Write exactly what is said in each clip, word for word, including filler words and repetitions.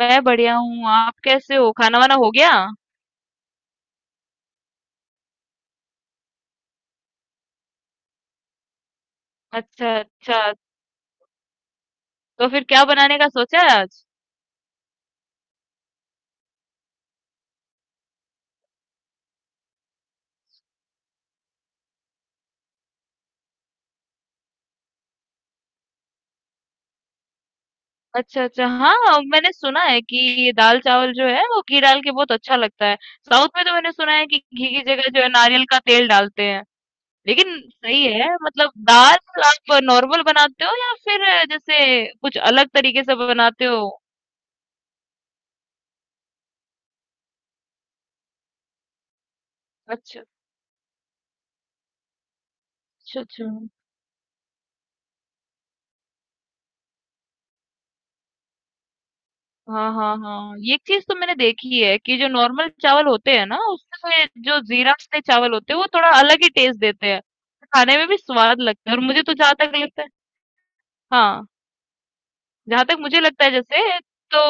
मैं बढ़िया हूँ। आप कैसे हो? खाना वाना हो गया? अच्छा अच्छा। तो फिर क्या बनाने का सोचा है आज? अच्छा अच्छा, हाँ। मैंने सुना है कि ये दाल चावल जो है वो घी डाल के बहुत अच्छा लगता है। साउथ में तो मैंने सुना है कि घी की जगह जो है नारियल का तेल डालते हैं। लेकिन सही है, मतलब दाल आप नॉर्मल बनाते हो या फिर जैसे कुछ अलग तरीके से बनाते हो? अच्छा अच्छा। अच्छा, हाँ हाँ हाँ, ये चीज तो मैंने देखी है कि जो नॉर्मल चावल होते हैं ना, उसमें ये जो जीरा वाले चावल होते हैं वो थोड़ा अलग ही टेस्ट देते हैं। खाने में भी स्वाद लगता है, और मुझे तो जहां तक लगता है। हाँ, जहां तक मुझे लगता है जैसे। तो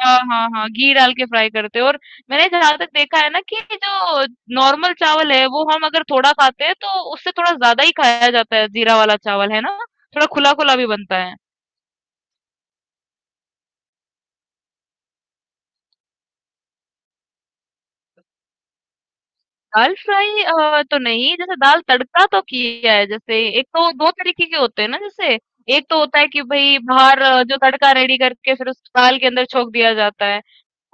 हाँ हाँ हाँ, घी डाल के फ्राई करते हैं। और मैंने जहां तक देखा है ना कि जो नॉर्मल चावल है वो हम अगर थोड़ा खाते हैं तो उससे थोड़ा ज्यादा ही खाया जाता है, जीरा वाला चावल है ना। थोड़ा खुला खुला भी बनता है। दाल फ्राई अ, तो नहीं, जैसे दाल तड़का तो किया है। जैसे एक तो दो तरीके के होते हैं ना, जैसे, एक तो होता है कि भई बाहर अ, जो तड़का रेडी करके फिर उस दाल के अंदर छोंक दिया जाता है।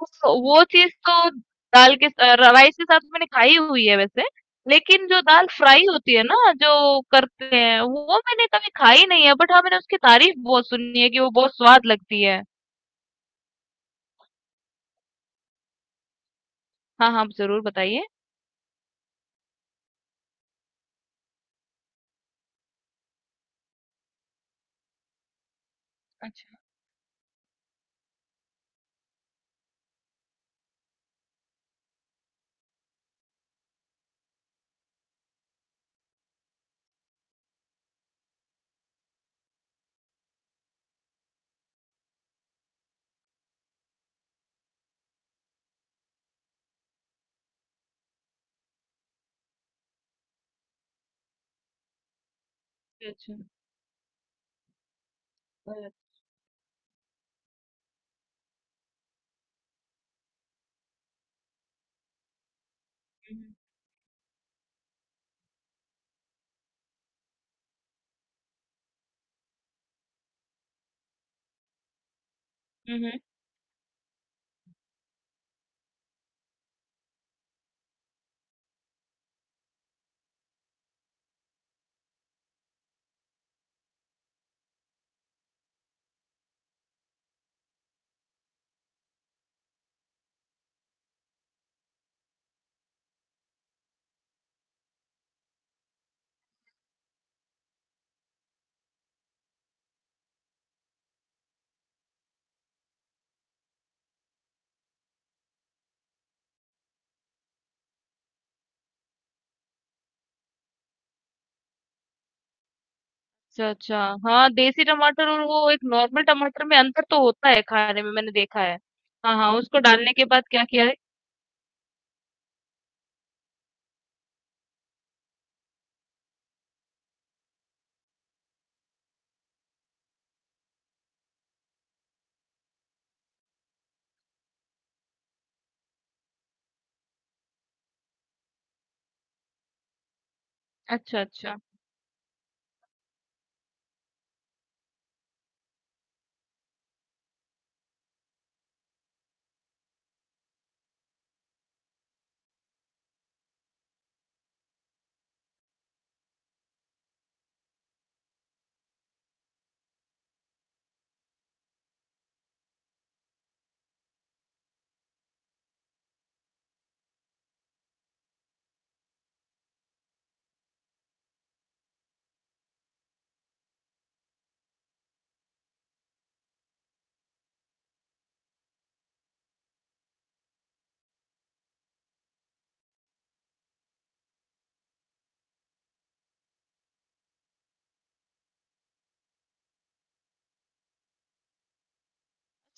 उस वो चीज़ तो दाल के अ, राइस के साथ मैंने खाई हुई है वैसे। लेकिन जो दाल फ्राई होती है ना, जो करते हैं, वो मैंने कभी खाई नहीं है। बट हाँ, मैंने उसकी तारीफ़ बहुत सुनी है कि वो बहुत स्वाद लगती है। हाँ, हाँ, आप ज़रूर बताइए। अच्छा, अच्छा, अच्छा। अ, हुँ, हुँ। हुँ, हुँ। अच्छा अच्छा। हाँ, देसी टमाटर और वो एक नॉर्मल टमाटर में अंतर तो होता है खाने में, मैंने देखा है। हाँ हाँ, उसको डालने के बाद क्या किया है? अच्छा अच्छा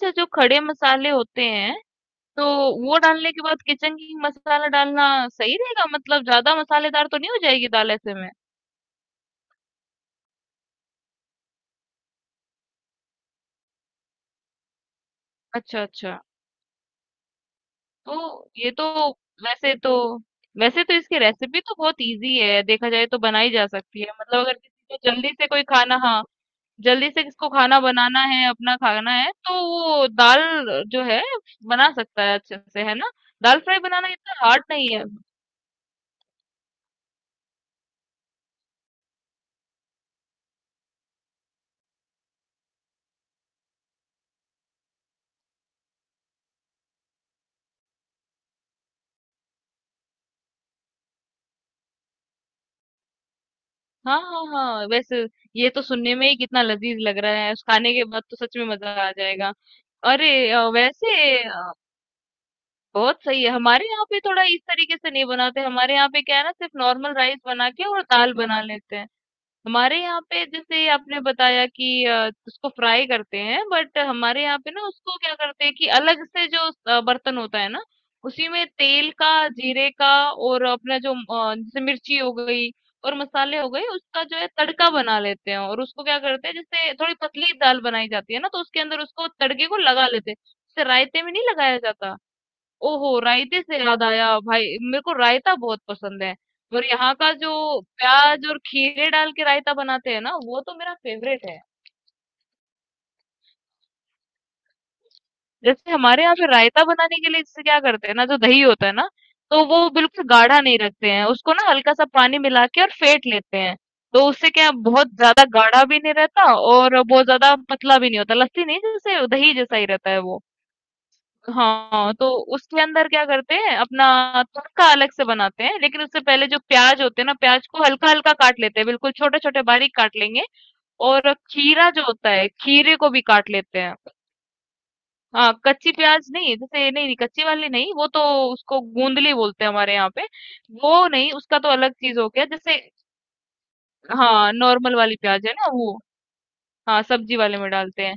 अच्छा। जो खड़े मसाले होते हैं, तो वो डालने के बाद किचन किंग मसाला डालना सही रहेगा? मतलब ज्यादा मसालेदार तो नहीं हो जाएगी दाल ऐसे में? अच्छा अच्छा। तो ये तो वैसे तो वैसे तो इसकी रेसिपी तो बहुत इजी है, देखा जाए तो बनाई जा सकती है। मतलब अगर किसी को जल्दी से कोई खाना, हाँ, जल्दी से किसको खाना बनाना है, अपना खाना है, तो वो दाल जो है बना सकता है अच्छे से, है ना। दाल फ्राई बनाना इतना हार्ड नहीं है। हाँ हाँ हाँ, वैसे ये तो सुनने में ही कितना लजीज लग रहा है, खाने के बाद तो सच में मजा आ जाएगा। अरे अ, वैसे अ, बहुत सही है। हमारे यहाँ पे थोड़ा इस तरीके से नहीं बनाते। हमारे यहाँ पे क्या है ना, सिर्फ नॉर्मल राइस बना के और दाल बना लेते हैं। हमारे यहाँ पे जैसे आपने बताया कि अ, उसको फ्राई करते हैं, बट हमारे यहाँ पे ना उसको क्या करते हैं कि अलग से जो अ, बर्तन होता है ना, उसी में तेल का, जीरे का, और अपना जो अ, जैसे मिर्ची हो गई और मसाले हो गए, उसका जो है तड़का बना लेते हैं। और उसको क्या करते हैं, जैसे थोड़ी पतली दाल बनाई जाती है ना, तो उसके अंदर उसको तड़के को लगा लेते हैं, जैसे रायते में नहीं लगाया जाता। ओहो! रायते से याद आया, भाई मेरे को रायता बहुत पसंद है। और यहाँ का जो प्याज और खीरे डाल के रायता बनाते हैं ना, वो तो मेरा फेवरेट है। जैसे हमारे यहाँ पे रायता बनाने के लिए जैसे क्या करते हैं ना, जो दही होता है ना, तो वो बिल्कुल गाढ़ा नहीं रखते हैं उसको ना, हल्का सा पानी मिला के और फेंट लेते हैं। तो उससे क्या है, बहुत ज़्यादा गाढ़ा भी नहीं रहता और बहुत ज़्यादा पतला भी नहीं होता। लस्सी नहीं, जैसे दही जैसा ही रहता है वो। हाँ, तो उसके अंदर क्या करते हैं, अपना तड़का अलग से बनाते हैं। लेकिन उससे पहले जो प्याज होते हैं ना, प्याज को हल्का हल्का काट लेते हैं, बिल्कुल छोटे छोटे बारीक काट लेंगे। और खीरा जो होता है, खीरे को भी काट लेते हैं। हाँ, कच्ची प्याज नहीं, जैसे नहीं नहीं, कच्ची वाली नहीं, वो तो, उसको गूंदली बोलते हैं हमारे यहाँ पे। वो नहीं, उसका तो अलग चीज हो गया जैसे। हाँ, नॉर्मल वाली प्याज है ना वो। हाँ, सब्जी वाले में डालते हैं।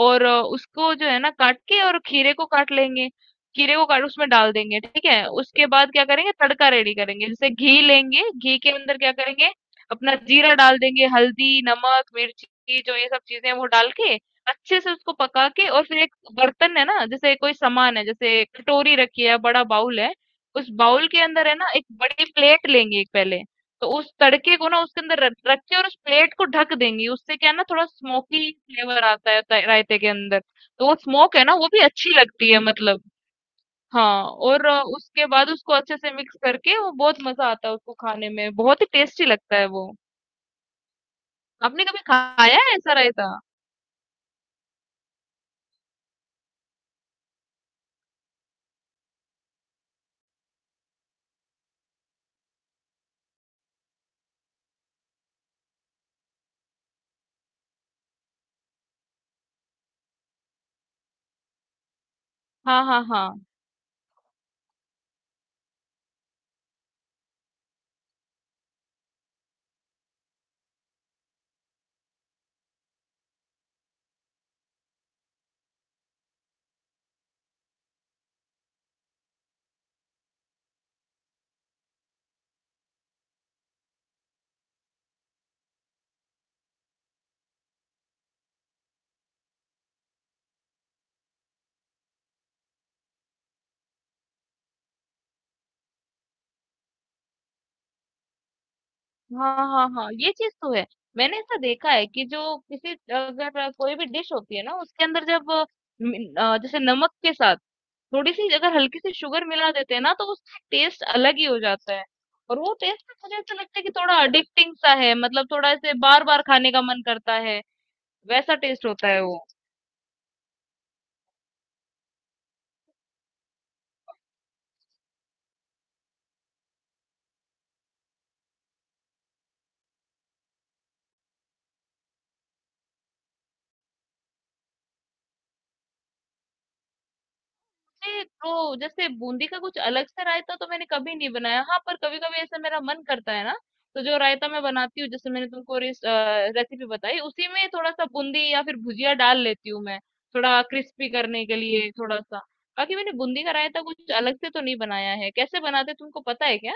और अ, उसको जो है ना काट के, और खीरे को काट लेंगे। खीरे को काट उसमें डाल देंगे। ठीक है, उसके बाद क्या करेंगे, तड़का रेडी करेंगे। जैसे घी लेंगे, घी के अंदर क्या करेंगे, अपना जीरा डाल देंगे, हल्दी, नमक, मिर्ची, जो ये सब चीजें हैं, वो डाल के अच्छे से उसको पका के। और फिर एक बर्तन है ना, जैसे कोई सामान है, जैसे कटोरी रखी है, बड़ा बाउल है, उस बाउल के अंदर है ना एक बड़ी प्लेट लेंगे एक पहले। तो उस तड़के को ना उसके अंदर रख रख के, और उस प्लेट को ढक देंगी। उससे क्या है ना, थोड़ा स्मोकी फ्लेवर आता है ता- रायते के अंदर। तो वो स्मोक है ना, वो भी अच्छी लगती है, मतलब। हाँ, और अ, उसके बाद उसको अच्छे से मिक्स करके, वो बहुत मजा आता है, उसको खाने में बहुत ही टेस्टी लगता है वो। आपने कभी खाया है ऐसा रायता? हाँ हाँ हाँ, हाँ हाँ हाँ, ये चीज तो है। मैंने ऐसा देखा है कि जो किसी अगर कोई भी डिश होती है ना, उसके अंदर जब अ, मिन- अ, जैसे नमक के साथ थोड़ी-सी अगर हल्की सी शुगर मिला देते हैं ना, तो उसका टेस्ट अलग ही हो जाता है। और वो टेस्ट ना मुझे ऐसा लगता है कि थोड़ा एडिक्टिंग सा है, मतलब थोड़ा ऐसे बार-बार खाने का मन करता है, वैसा टेस्ट होता है वो। ये तो, जैसे बूंदी का कुछ अलग से रायता तो मैंने कभी नहीं बनाया। हाँ, पर कभी-कभी ऐसा मेरा मन करता है ना, तो जो रायता मैं बनाती हूँ, जैसे मैंने तुमको रेस अ, रेसिपी बताई, उसी में थोड़ा-सा बूंदी या फिर भुजिया डाल लेती हूँ मैं, थोड़ा क्रिस्पी करने के लिए थोड़ा-सा। बाकी मैंने बूंदी का रायता कुछ अलग से तो नहीं बनाया है। कैसे बनाते हैं तुमको पता है क्या?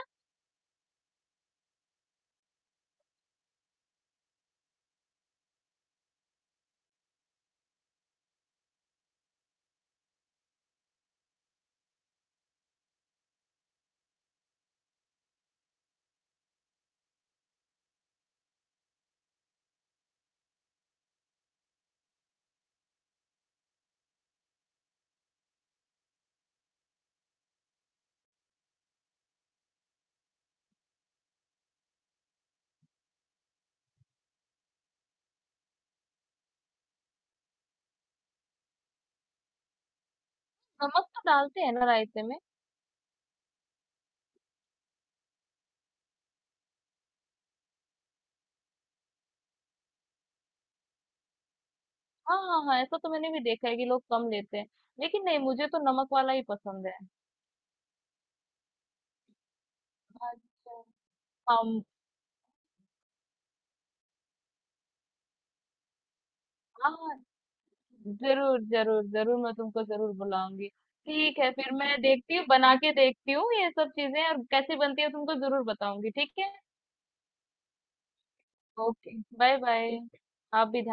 नमक तो डालते हैं ना रायते में। हाँ हाँ हाँ, ऐसा तो मैंने भी देखा है कि लोग कम लेते हैं, लेकिन नहीं, मुझे तो नमक वाला ही पसंद है। अच्छा। हम। हाँ, जरूर जरूर जरूर, मैं तुमको जरूर बुलाऊंगी। ठीक है, फिर मैं देखती हूँ, बना के देखती हूँ ये सब चीजें, और कैसी बनती है तुमको जरूर बताऊंगी, ठीक है। Okay, bye bye. ठीक, आप भी।